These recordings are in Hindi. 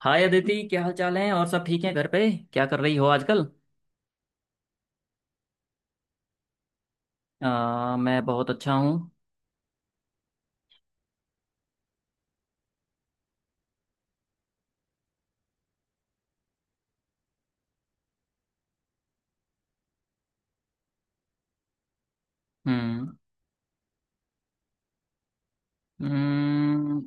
हाय अदिति, क्या हाल चाल है? और सब ठीक है? घर पे क्या कर रही हो आजकल? मैं बहुत अच्छा हूँ। हम्म हम्म,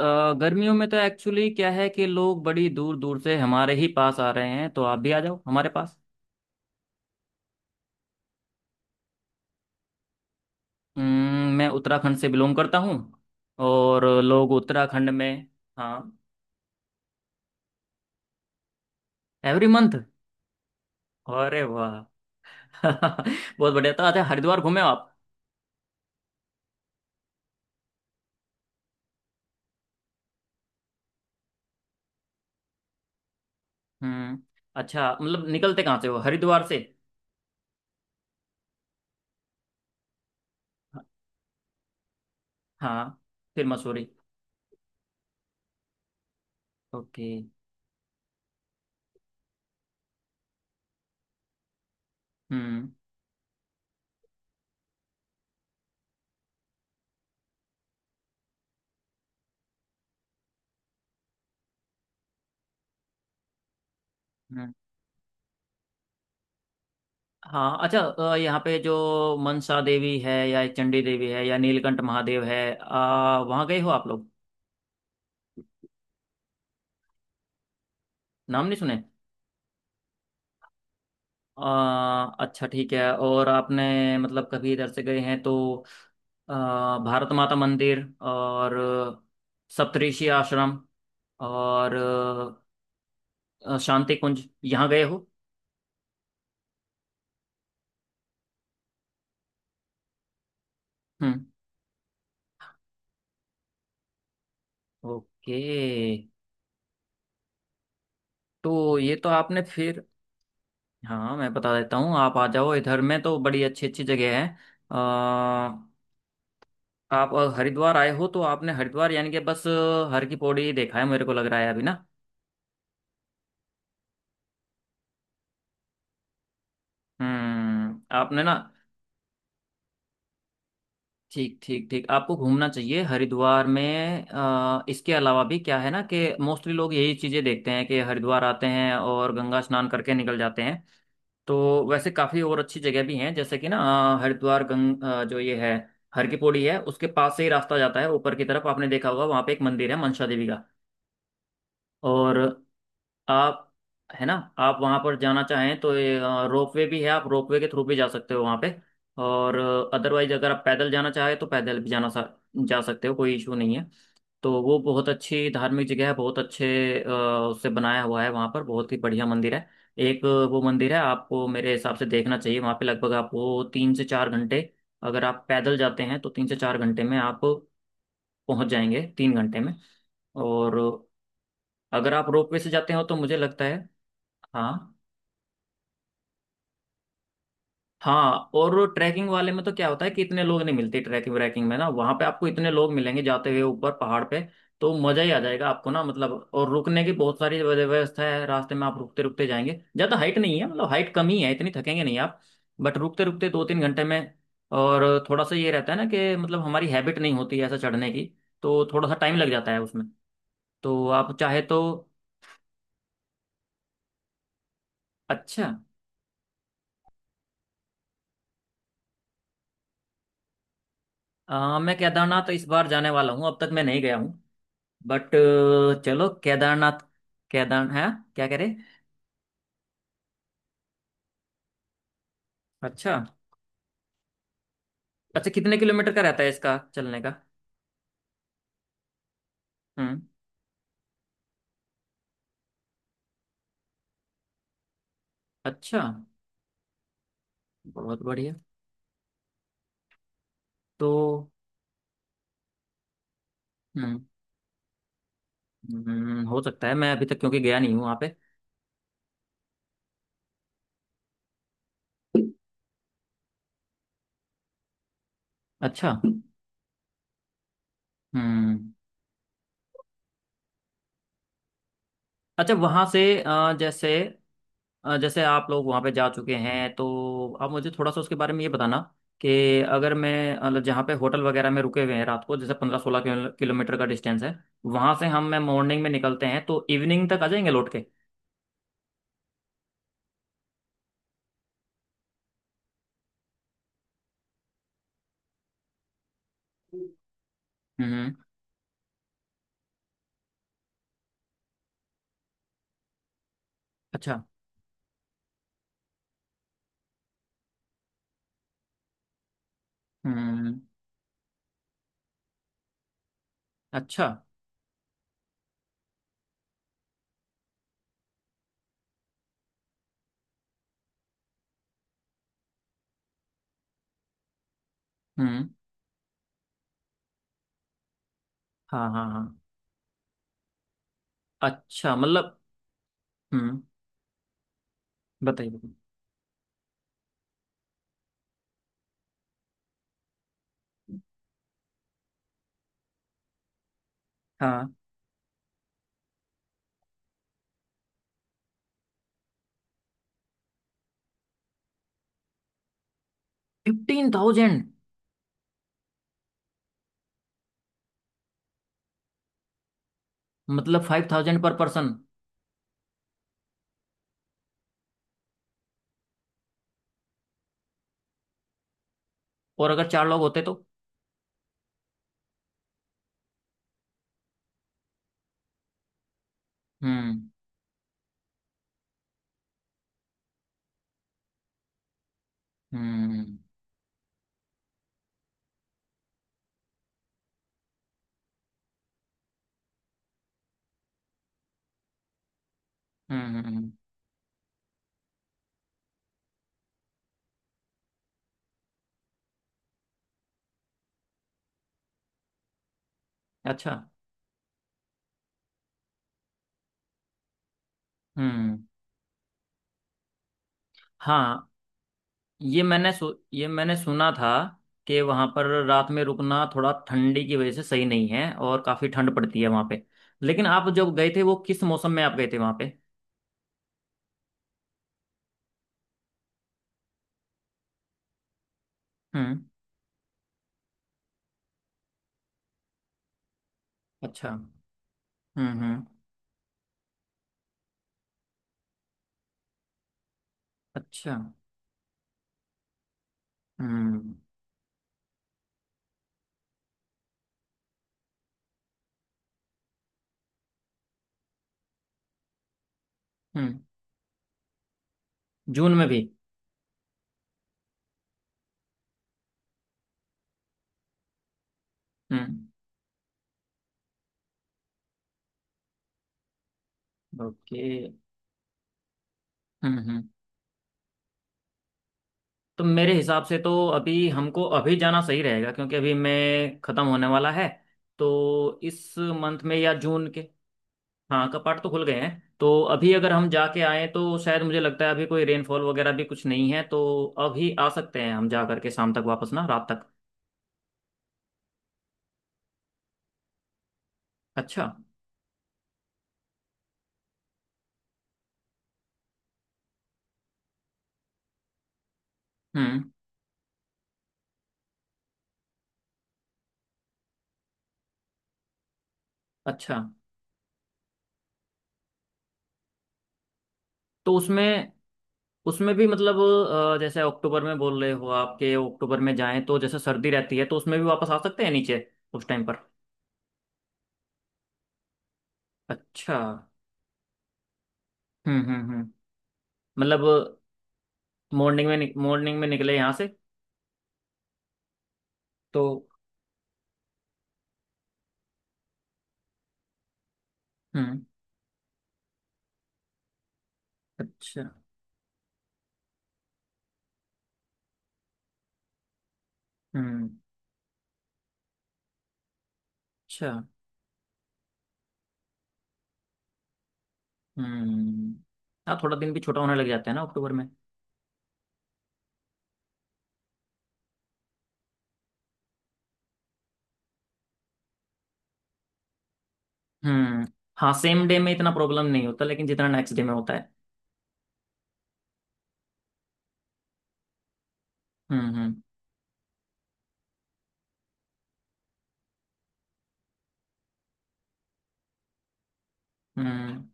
गर्मियों में तो एक्चुअली क्या है कि लोग बड़ी दूर दूर से हमारे ही पास आ रहे हैं, तो आप भी आ जाओ हमारे पास। मैं उत्तराखंड से बिलोंग करता हूँ। और लोग उत्तराखंड में। हाँ, एवरी मंथ? अरे वाह। बहुत बढ़िया। तो अच्छा, हरिद्वार घूमे हो आप? हम्म। अच्छा, मतलब निकलते कहाँ से हो? हरिद्वार से? हाँ, फिर मसूरी। ओके। हम्म हम्म। हाँ अच्छा, यहाँ पे जो मनसा देवी है या चंडी देवी है या नीलकंठ महादेव है, वहाँ गए हो आप लोग? नाम नहीं सुने? अच्छा ठीक है। और आपने मतलब कभी इधर से गए हैं तो अ, भारत माता मंदिर, और सप्तऋषि आश्रम, और शांति कुंज, यहाँ गए हो? हम्म। ओके। तो ये तो आपने फिर, हाँ मैं बता देता हूँ। आप आ जाओ, इधर में तो बड़ी अच्छी अच्छी जगह है। अ, आप हरिद्वार आए हो तो आपने हरिद्वार यानी कि बस हर की पौड़ी ही देखा है, मेरे को लग रहा है अभी ना। हम्म, आपने ना ठीक ठीक ठीक, आपको घूमना चाहिए हरिद्वार में। इसके अलावा भी क्या है ना, कि मोस्टली लोग यही चीज़ें देखते हैं कि हरिद्वार आते हैं और गंगा स्नान करके निकल जाते हैं। तो वैसे काफ़ी और अच्छी जगह भी हैं, जैसे कि ना हरिद्वार जो ये है हर की पौड़ी है, उसके पास से ही रास्ता जाता है ऊपर की तरफ। आपने देखा होगा, वहाँ पे एक मंदिर है मनसा देवी का। और आप, है ना, आप वहाँ पर जाना चाहें तो ये रोपवे भी है। आप रोपवे के थ्रू भी जा सकते हो वहाँ पे। और अदरवाइज अगर आप पैदल जाना चाहें तो पैदल भी जा सकते हो, कोई इशू नहीं है। तो वो बहुत अच्छी धार्मिक जगह है, बहुत अच्छे अ, उससे बनाया हुआ है। वहाँ पर बहुत ही बढ़िया मंदिर है एक, वो मंदिर है आपको मेरे हिसाब से देखना चाहिए। वहाँ पे लगभग आपको 3 से 4 घंटे, अगर आप पैदल जाते हैं तो 3 से 4 घंटे में आप पहुँच जाएंगे, 3 घंटे में। और अगर आप रोपवे से जाते हो तो मुझे लगता है हाँ। हाँ, और ट्रैकिंग वाले में तो क्या होता है कि इतने लोग नहीं मिलते ट्रैकिंग व्रैकिंग में, ना वहां पे आपको इतने लोग मिलेंगे जाते हुए ऊपर पहाड़ पे, तो मजा ही आ जाएगा आपको ना। मतलब, और रुकने की बहुत सारी व्यवस्था है, रास्ते में आप रुकते रुकते जाएंगे। ज्यादा हाइट नहीं है, मतलब हाइट कम ही है, इतनी थकेंगे नहीं आप। बट रुकते रुकते 2 3 घंटे में। और थोड़ा सा ये रहता है ना कि मतलब हमारी हैबिट नहीं होती है ऐसा चढ़ने की, तो थोड़ा सा टाइम लग जाता है उसमें। तो आप चाहे तो, अच्छा, मैं केदारनाथ इस बार जाने वाला हूँ, अब तक मैं नहीं गया हूँ। बट चलो केदारनाथ, केदार है, क्या करे। अच्छा, अच्छा कितने किलोमीटर का रहता है इसका चलने का? हम्म। अच्छा, बहुत बढ़िया। तो हम्म हो सकता है। मैं अभी तक क्योंकि गया नहीं हूँ वहाँ पे। अच्छा। हम्म। अच्छा, वहां से जैसे जैसे आप लोग वहाँ पे जा चुके हैं तो आप मुझे थोड़ा सा उसके बारे में ये बताना कि अगर मैं मतलब जहाँ पे होटल वगैरह में रुके हुए हैं रात को, जैसे 15 16 किलोमीटर का डिस्टेंस है, वहाँ से हम मैं मॉर्निंग में निकलते हैं तो इवनिंग तक आ जाएंगे लौट के? हम्म। अच्छा। हम्म। अच्छा। हम्म। हाँ हाँ हाँ। अच्छा मतलब, हम्म, बताइए बताइए। हाँ, 15,000? मतलब 5,000 पर पर्सन। और अगर 4 लोग होते तो? हम्म हम्म हम्म हम्म, हम्म, अच्छा। हम्म। हाँ ये ये मैंने सुना था कि वहां पर रात में रुकना थोड़ा ठंडी की वजह से सही नहीं है, और काफी ठंड पड़ती है वहां पे। लेकिन आप जब गए थे वो किस मौसम में आप गए थे वहां पे? हम्म। अच्छा। हम्म। अच्छा। हम्म हम्म, जून में भी? हम्म। ओके। हम्म। तो मेरे हिसाब से तो अभी हमको अभी जाना सही रहेगा, क्योंकि अभी मैं खत्म होने वाला है तो इस मंथ में या जून के। हाँ कपाट तो खुल गए हैं। तो अभी अगर हम जाके आए तो शायद मुझे लगता है अभी कोई रेनफॉल वगैरह भी कुछ नहीं है, तो अभी आ सकते हैं हम जा करके शाम तक वापस, ना रात तक। अच्छा। हम्म। अच्छा। तो उसमें, उसमें भी मतलब, जैसे अक्टूबर में बोल रहे हो आपके, अक्टूबर में जाएं तो जैसे सर्दी रहती है तो उसमें भी वापस आ सकते हैं नीचे उस टाइम पर। अच्छा। हम्म हम्म हम्म मतलब मॉर्निंग में, मॉर्निंग में निकले यहाँ से तो? हम्म। अच्छा। हम्म। अच्छा। हम्म। हाँ थोड़ा दिन भी छोटा होने लग जाता है ना अक्टूबर में। हम्म। हाँ सेम डे में इतना प्रॉब्लम नहीं होता, लेकिन जितना नेक्स्ट डे में होता है। हम्म हम्म हम्म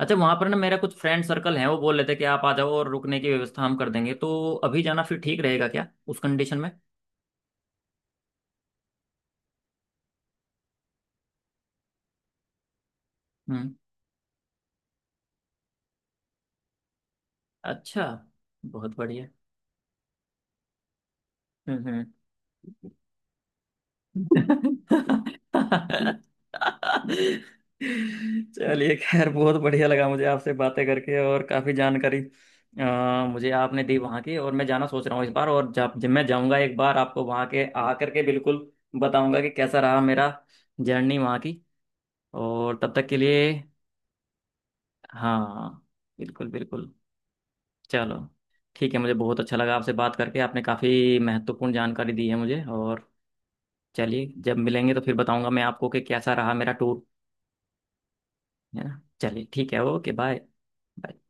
अच्छा, वहां पर ना मेरा कुछ फ्रेंड सर्कल है, वो बोल रहे थे कि आप आ जाओ और रुकने की व्यवस्था हम कर देंगे। तो अभी जाना फिर ठीक रहेगा क्या उस कंडीशन में? हम्म। अच्छा, बहुत बढ़िया। हम्म हम्म। चलिए खैर, बहुत बढ़िया लगा मुझे आपसे बातें करके, और काफ़ी जानकारी मुझे आपने दी वहाँ की। और मैं जाना सोच रहा हूँ इस बार, और जब जब मैं जाऊँगा एक बार आपको वहाँ के आकर के बिल्कुल बताऊँगा कि कैसा रहा मेरा जर्नी वहाँ की। और तब तक के लिए, हाँ, बिल्कुल बिल्कुल, चलो। ठीक है, मुझे बहुत अच्छा लगा आपसे बात करके। आपने काफ़ी महत्वपूर्ण जानकारी दी है मुझे। और चलिए जब मिलेंगे तो फिर बताऊँगा मैं आपको कि कैसा रहा मेरा टूर, है ना? चलिए ठीक है, ओके बाय।